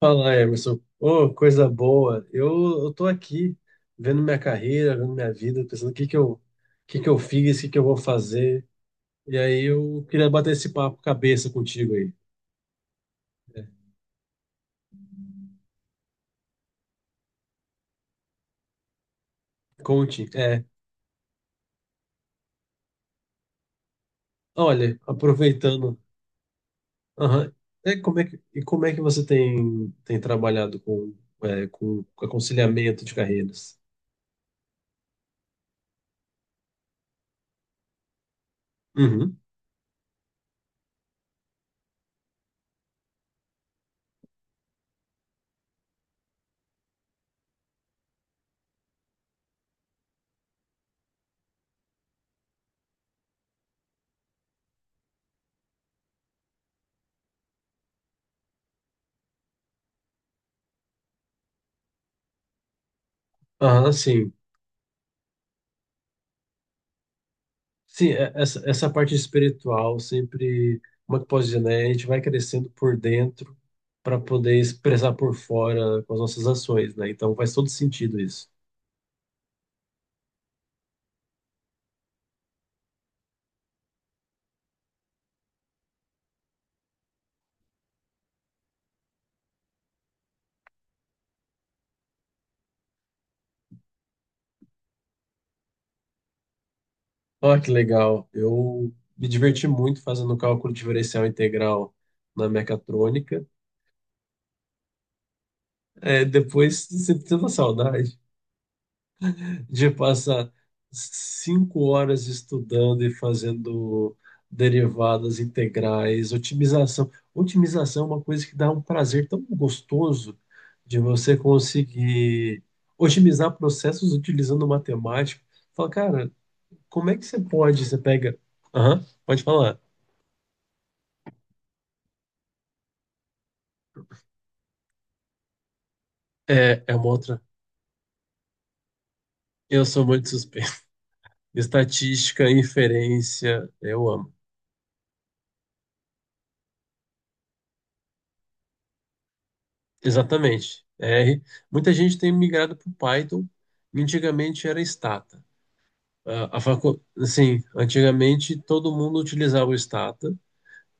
Fala, Emerson. Ô, coisa boa. Eu tô aqui vendo minha carreira, vendo minha vida, pensando o que que eu fiz, o que que eu vou fazer. E aí eu queria bater esse papo cabeça contigo aí. É, conte. Olha, aproveitando. Aham. Como é que, e como é que você tem trabalhado com, com aconselhamento de carreiras? Uhum. Aham, sim. Sim, essa parte espiritual sempre, como é que eu posso dizer, né? A gente vai crescendo por dentro para poder expressar por fora com as nossas ações, né? Então faz todo sentido isso. Ah, que legal. Eu me diverti muito fazendo cálculo diferencial integral na mecatrônica. É, depois você sinto saudade de passar cinco horas estudando e fazendo derivadas integrais, otimização. Otimização é uma coisa que dá um prazer tão gostoso de você conseguir otimizar processos utilizando matemática. Fala, cara, como é que você pode? Você pega. Aham, pode falar. É uma outra. Eu sou muito suspeito. Estatística, inferência, eu amo. Exatamente. R. Muita gente tem migrado para o Python. E antigamente era Stata. A facu... Assim, antigamente todo mundo utilizava o Stata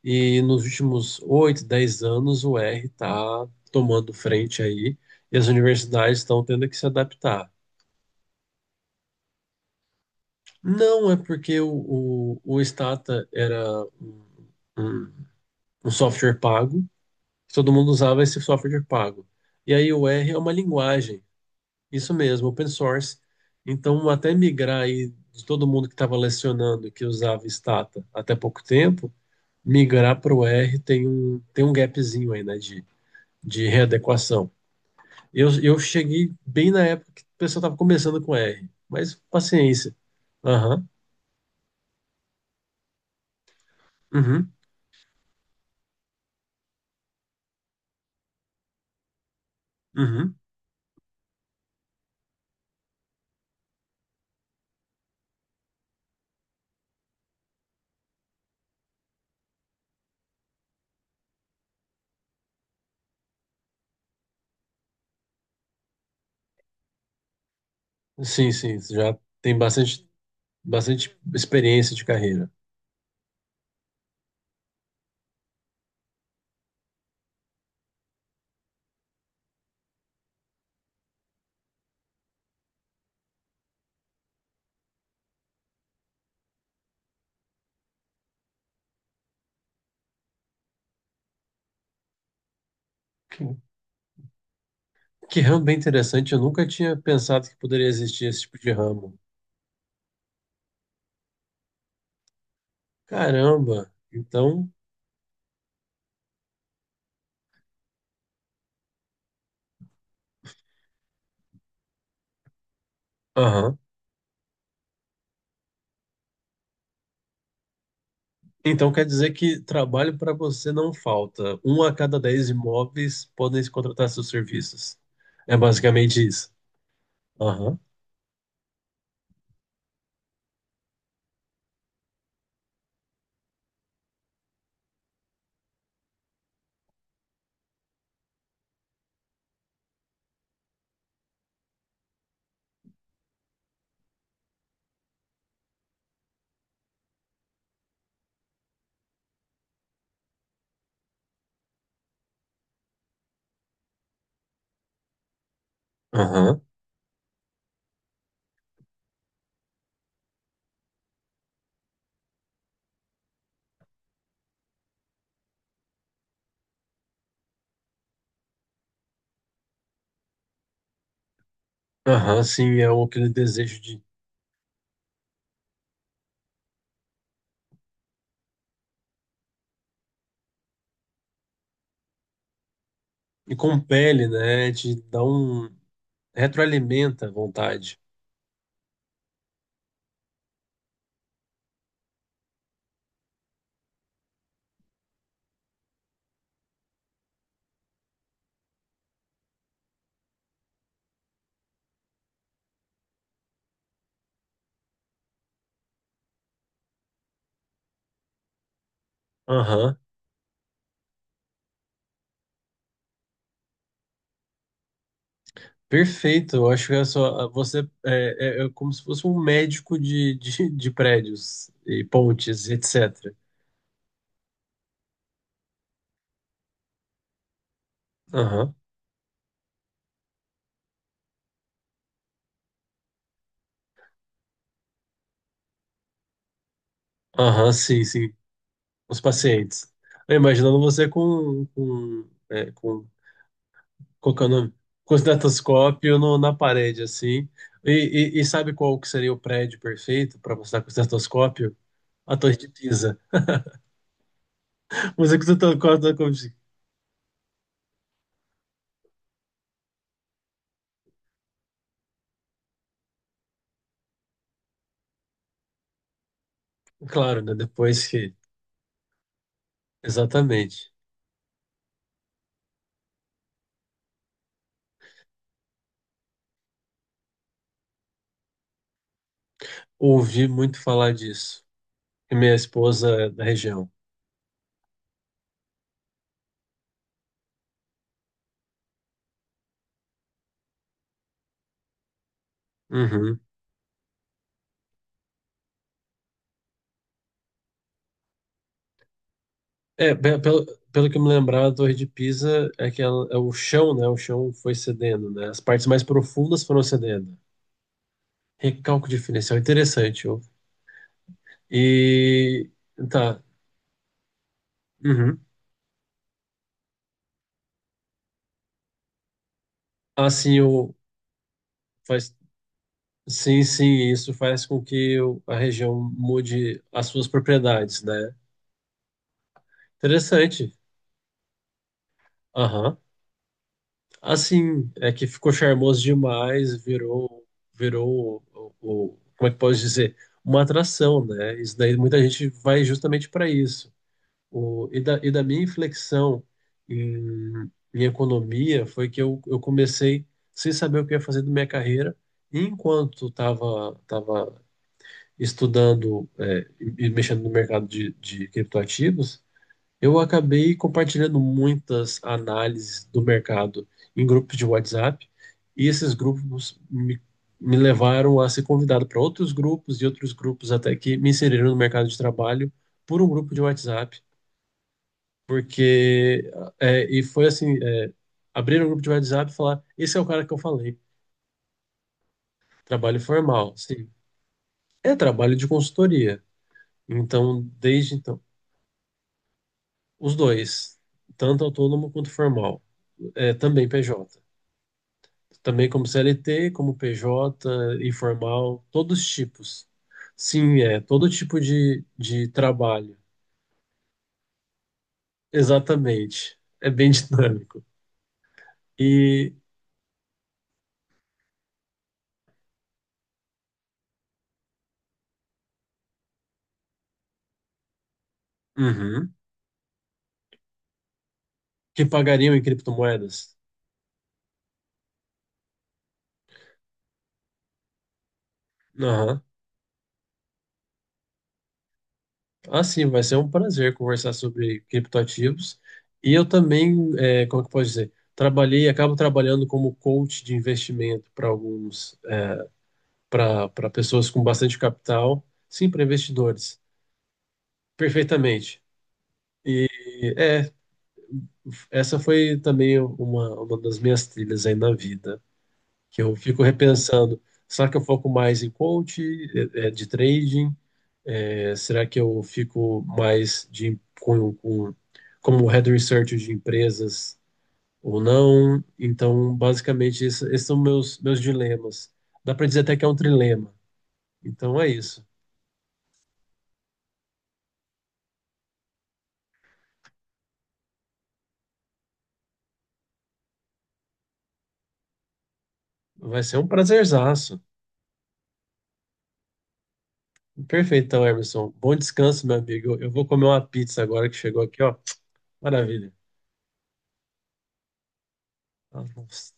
e nos últimos 8, 10 anos o R está tomando frente aí, e as universidades estão tendo que se adaptar. Não é porque o Stata era um um software pago, todo mundo usava esse software pago. E aí o R é uma linguagem. Isso mesmo, open source. Então, até migrar aí de todo mundo que estava lecionando que usava Stata até pouco tempo, migrar para o R tem tem um gapzinho aí, né, de readequação. Eu cheguei bem na época que o pessoal estava começando com R, mas paciência. Aham, uhum, uhum. Sim, sim, já tem bastante experiência de carreira. Que, que ramo bem interessante, eu nunca tinha pensado que poderia existir esse tipo de ramo. Caramba! Então, aham. Então quer dizer que trabalho para você não falta. Um a cada dez imóveis podem se contratar seus serviços. É basicamente isso. Aham, aham, aham. Sim, aquele desejo de me compele, né? De dar um retroalimenta a vontade. Aham. Perfeito. Eu acho que é só você é como se fosse um médico de prédios e pontes, etc. Aham, aham, sim, sim. Os pacientes. Eu imaginando você colocando com o estetoscópio na parede, assim. E, e sabe qual que seria o prédio perfeito para mostrar com o estetoscópio? A Torre de Pisa. Você com o estetoscópio, como se- claro, né? Depois que. Exatamente. Ouvi muito falar disso. E minha esposa é da região. Uhum. É, pelo que eu me lembrar, a Torre de Pisa é que é o chão, né? O chão foi cedendo, né? As partes mais profundas foram cedendo. Recálculo diferencial, interessante. Ô. E tá. Uhum. Assim, o faz sim, sim, isso faz com que a região mude as suas propriedades, né? Interessante. Aham. Assim, é que ficou charmoso demais, virou virou como é que posso dizer? Uma atração, né? Isso daí muita gente vai justamente para isso. E da minha inflexão em, em economia foi que eu comecei sem saber o que ia fazer da minha carreira. E enquanto estava tava tava estudando e mexendo no mercado de criptoativos, eu acabei compartilhando muitas análises do mercado em grupos de WhatsApp. E esses grupos me levaram a ser convidado para outros grupos e outros grupos até que me inseriram no mercado de trabalho por um grupo de WhatsApp porque e foi assim, é, abriram um grupo de WhatsApp e falar, esse é o cara que eu falei, trabalho formal, sim, é trabalho de consultoria, então desde então os dois, tanto autônomo quanto formal, é, também PJ, também como CLT, como PJ, informal, todos os tipos, sim, é todo tipo de trabalho, exatamente, é bem dinâmico e uhum, que pagariam em criptomoedas. Ah, sim, vai ser um prazer conversar sobre criptoativos. E eu também, é, como que pode dizer, trabalhei, acabo trabalhando como coach de investimento para alguns, para pessoas com bastante capital, sim, para investidores, perfeitamente. E é, essa foi também uma das minhas trilhas aí na vida, que eu fico repensando, será que eu foco mais em coach, é, de trading, será que eu fico mais como head researcher de empresas ou não? Então, basicamente, esses são meus dilemas. Dá para dizer até que é um trilema. Então, é isso. Vai ser um prazerzaço. Perfeito, então, Emerson. Bom descanso, meu amigo. Eu vou comer uma pizza agora que chegou aqui, ó. Maravilha. Nossa.